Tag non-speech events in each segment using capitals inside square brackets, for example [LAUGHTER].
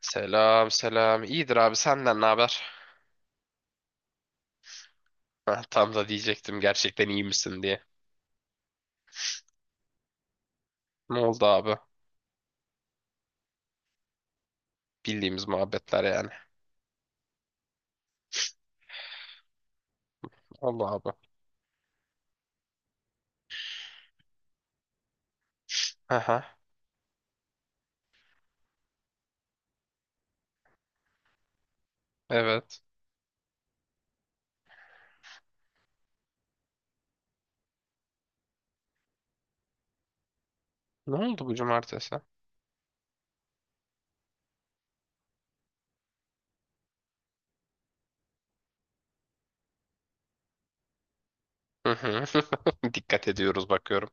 Selam selam. İyidir abi, senden ne haber? Heh, tam da diyecektim gerçekten iyi misin diye. Ne oldu abi? Bildiğimiz muhabbetler yani. Allah abi. Aha, evet. Ne oldu bu cumartesi? Hı hı. [LAUGHS] Dikkat ediyoruz bakıyorum.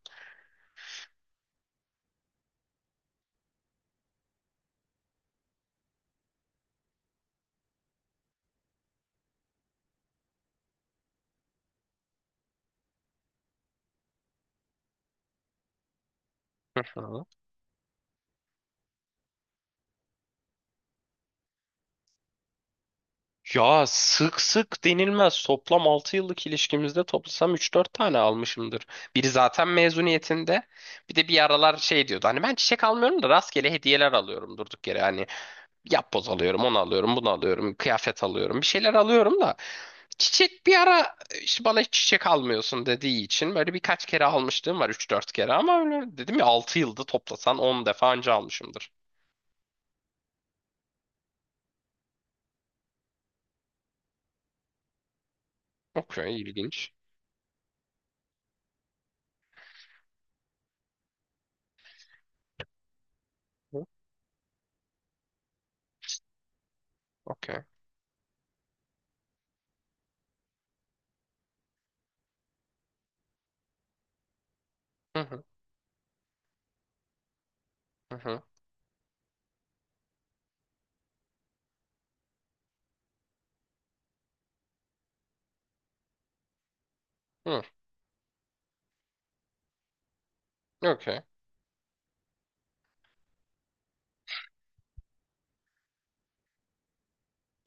Hı hı. Ya, sık sık denilmez. Toplam 6 yıllık ilişkimizde toplasam üç dört tane almışımdır. Biri zaten mezuniyetinde. Bir de bir aralar şey diyordu. Hani ben çiçek almıyorum da rastgele hediyeler alıyorum durduk yere. Hani yapboz alıyorum, onu alıyorum, bunu alıyorum, kıyafet alıyorum, bir şeyler alıyorum da çiçek bir ara işte bana hiç çiçek almıyorsun dediği için böyle birkaç kere almışlığım var, üç dört kere, ama öyle dedim ya 6 yılda toplasan on defa anca almışımdır. Okey, ilginç. Hı, okey. Hı hı, hı hı. Hı, okey.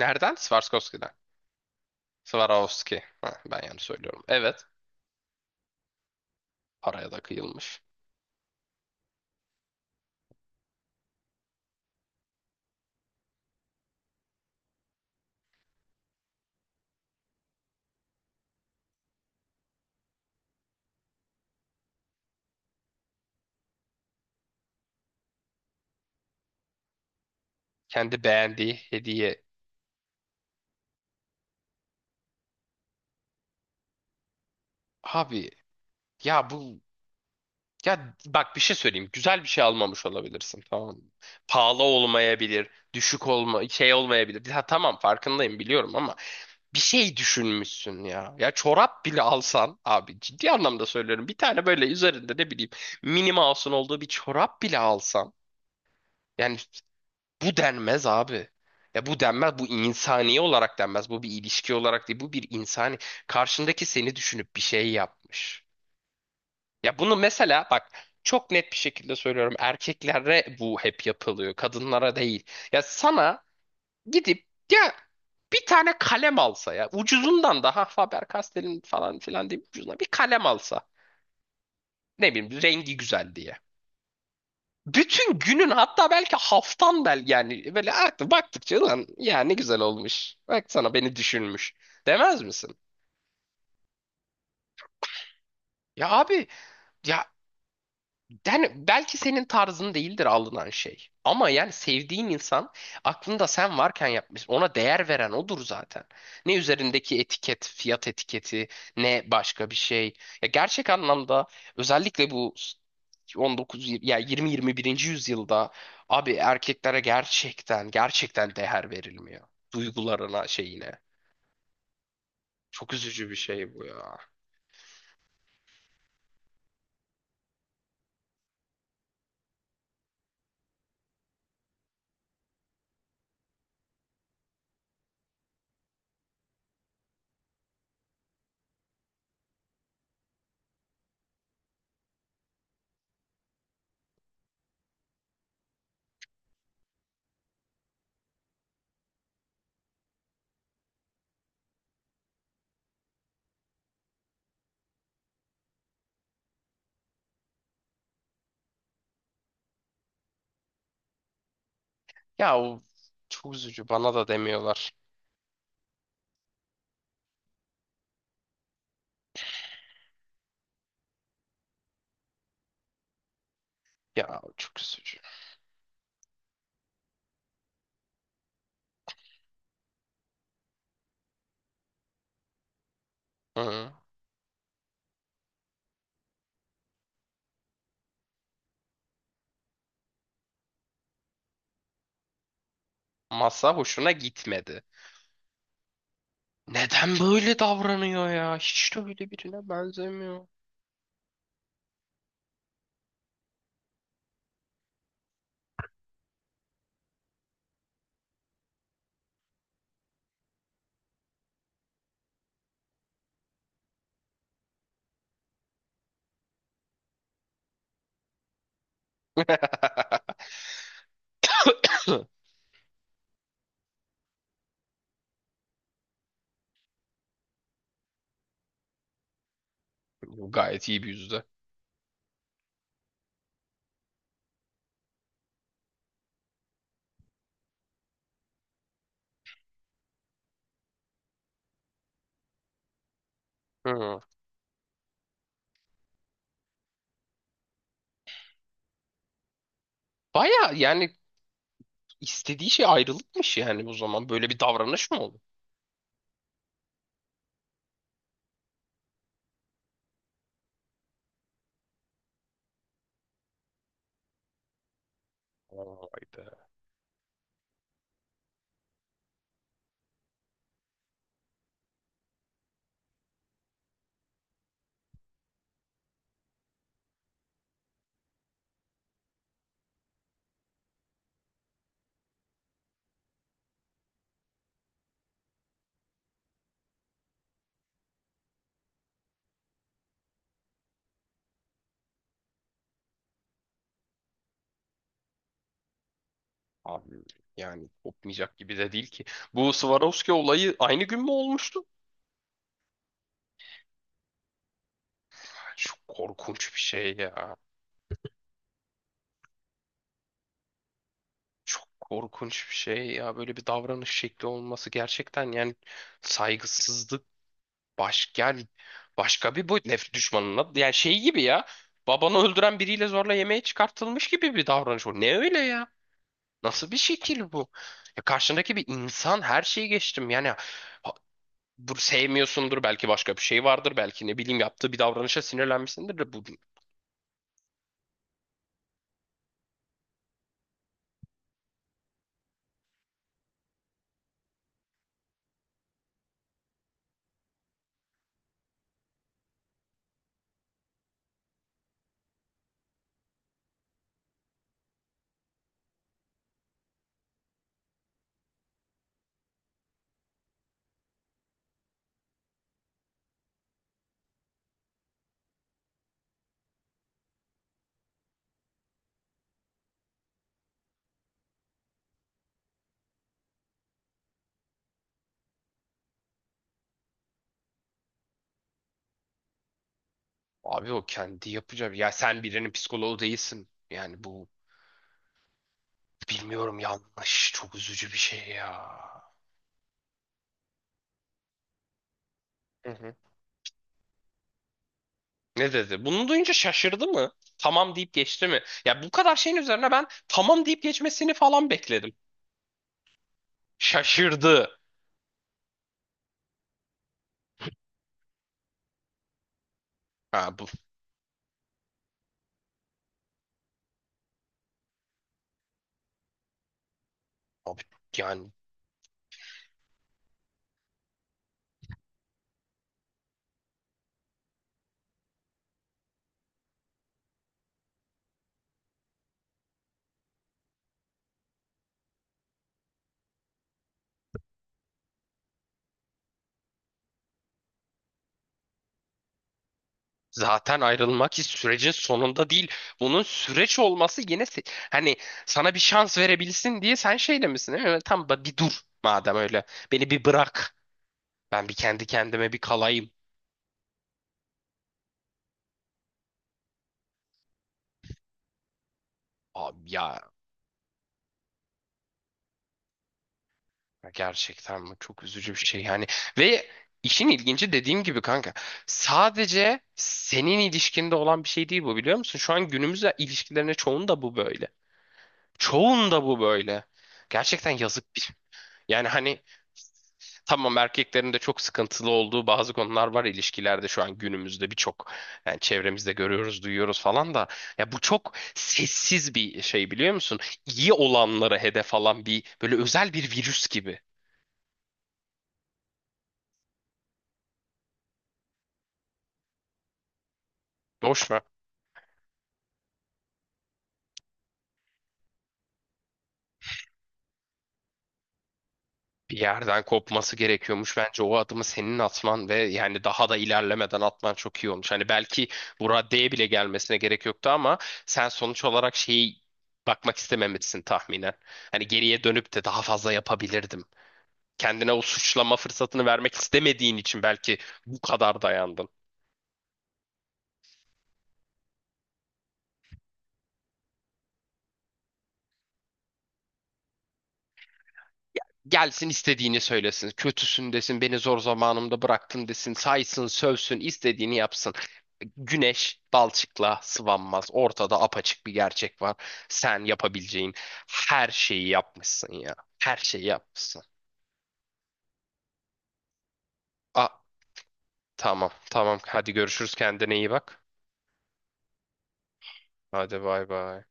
Nereden? Swarovski'den. Swarovski. Ha, ben yanlış söylüyorum. Evet. Paraya da kıyılmış. Kendi beğendiği hediye. Abi ya bu Ya bak, bir şey söyleyeyim. Güzel bir şey almamış olabilirsin, tamam mı? Pahalı olmayabilir, düşük olma şey olmayabilir. Ha tamam, farkındayım, biliyorum ama bir şey düşünmüşsün ya. Ya çorap bile alsan abi, ciddi anlamda söylüyorum. Bir tane böyle üzerinde ne bileyim mini mouse'un olduğu bir çorap bile alsan. Yani bu denmez abi. Ya bu denmez, bu insani olarak denmez. Bu bir ilişki olarak değil, bu bir insani. Karşındaki seni düşünüp bir şey yapmış. Ya bunu mesela bak, çok net bir şekilde söylüyorum. Erkeklere bu hep yapılıyor. Kadınlara değil. Ya sana gidip ya bir tane kalem alsa ya. Ucuzundan da, ha, Faber-Castell'in falan filan diye ucuzuna bir kalem alsa. Ne bileyim rengi güzel diye. Bütün günün, hatta belki haftan bel, yani böyle artık baktıkça lan ya ne güzel olmuş. Bak sana, beni düşünmüş. Demez misin? Ya abi ya, yani belki senin tarzın değildir alınan şey. Ama yani sevdiğin insan aklında sen varken yapmış. Ona değer veren odur zaten. Ne üzerindeki etiket, fiyat etiketi, ne başka bir şey. Ya gerçek anlamda, özellikle bu 19 yir- ya 20 21. yüzyılda abi, erkeklere gerçekten gerçekten değer verilmiyor. Duygularına, şeyine. Çok üzücü bir şey bu ya. Ya o çok üzücü. Bana da demiyorlar. Ya çok üzücü. Hı. Masa hoşuna gitmedi. Neden böyle davranıyor ya? Hiç de öyle birine benzemiyor. [LAUGHS] Bu gayet iyi bir yüzde. Hı. Baya yani istediği şey ayrılıkmış yani o zaman. Böyle bir davranış mı oldu? Vay be. Abi yani kopmayacak gibi de değil ki. Bu Swarovski olayı aynı gün mü olmuştu? Çok korkunç bir şey ya. Çok korkunç bir şey ya. Böyle bir davranış şekli olması gerçekten yani saygısızlık. Baş, yani başka bir boyut, nefret düşmanına yani şey gibi ya, babanı öldüren biriyle zorla yemeğe çıkartılmış gibi bir davranış bu. Ne öyle ya? Nasıl bir şekil bu? Ya karşındaki bir insan, her şeyi geçtim yani, ha- bu sevmiyorsundur belki, başka bir şey vardır belki, ne bileyim yaptığı bir davranışa sinirlenmişsindir de bu abi o kendi yapacağı, ya sen birinin psikoloğu değilsin yani, bu bilmiyorum, yanlış, çok üzücü bir şey ya. Ne dedi? Bunu duyunca şaşırdı mı? Tamam deyip geçti mi? Ya bu kadar şeyin üzerine ben tamam deyip geçmesini falan bekledim. Şaşırdı. Ha bu Abi yani zaten ayrılmak hiç sürecin sonunda değil. Bunun süreç olması, yine hani sana bir şans verebilsin diye sen şey demişsin değil. Evet, tamam, bir dur madem öyle. Beni bir bırak. Ben bir kendi kendime bir kalayım. Abi ya, ya gerçekten bu çok üzücü bir şey yani. Ve işin ilginci, dediğim gibi kanka, sadece senin ilişkinde olan bir şey değil bu, biliyor musun? Şu an günümüz ilişkilerine, çoğunda bu böyle. Çoğunda bu böyle. Gerçekten yazık bir şey. Yani hani, tamam, erkeklerin de çok sıkıntılı olduğu bazı konular var ilişkilerde şu an günümüzde, birçok yani çevremizde görüyoruz, duyuyoruz falan da ya bu çok sessiz bir şey, biliyor musun? İyi olanlara hedef alan bir böyle özel bir virüs gibi. Boş mu? Bir yerden kopması gerekiyormuş. Bence o adımı senin atman ve yani daha da ilerlemeden atman çok iyi olmuş. Hani belki bu raddeye bile gelmesine gerek yoktu ama sen sonuç olarak şeyi, bakmak istememişsin tahminen. Hani geriye dönüp de daha fazla yapabilirdim, kendine o suçlama fırsatını vermek istemediğin için belki bu kadar dayandın. Gelsin istediğini söylesin. Kötüsün desin, beni zor zamanımda bıraktın desin, saysın, sövsün, istediğini yapsın. Güneş balçıkla sıvanmaz. Ortada apaçık bir gerçek var. Sen yapabileceğin her şeyi yapmışsın ya. Her şeyi yapmışsın. A, tamam tamam. Hadi görüşürüz. Kendine iyi bak. Hadi bay bay.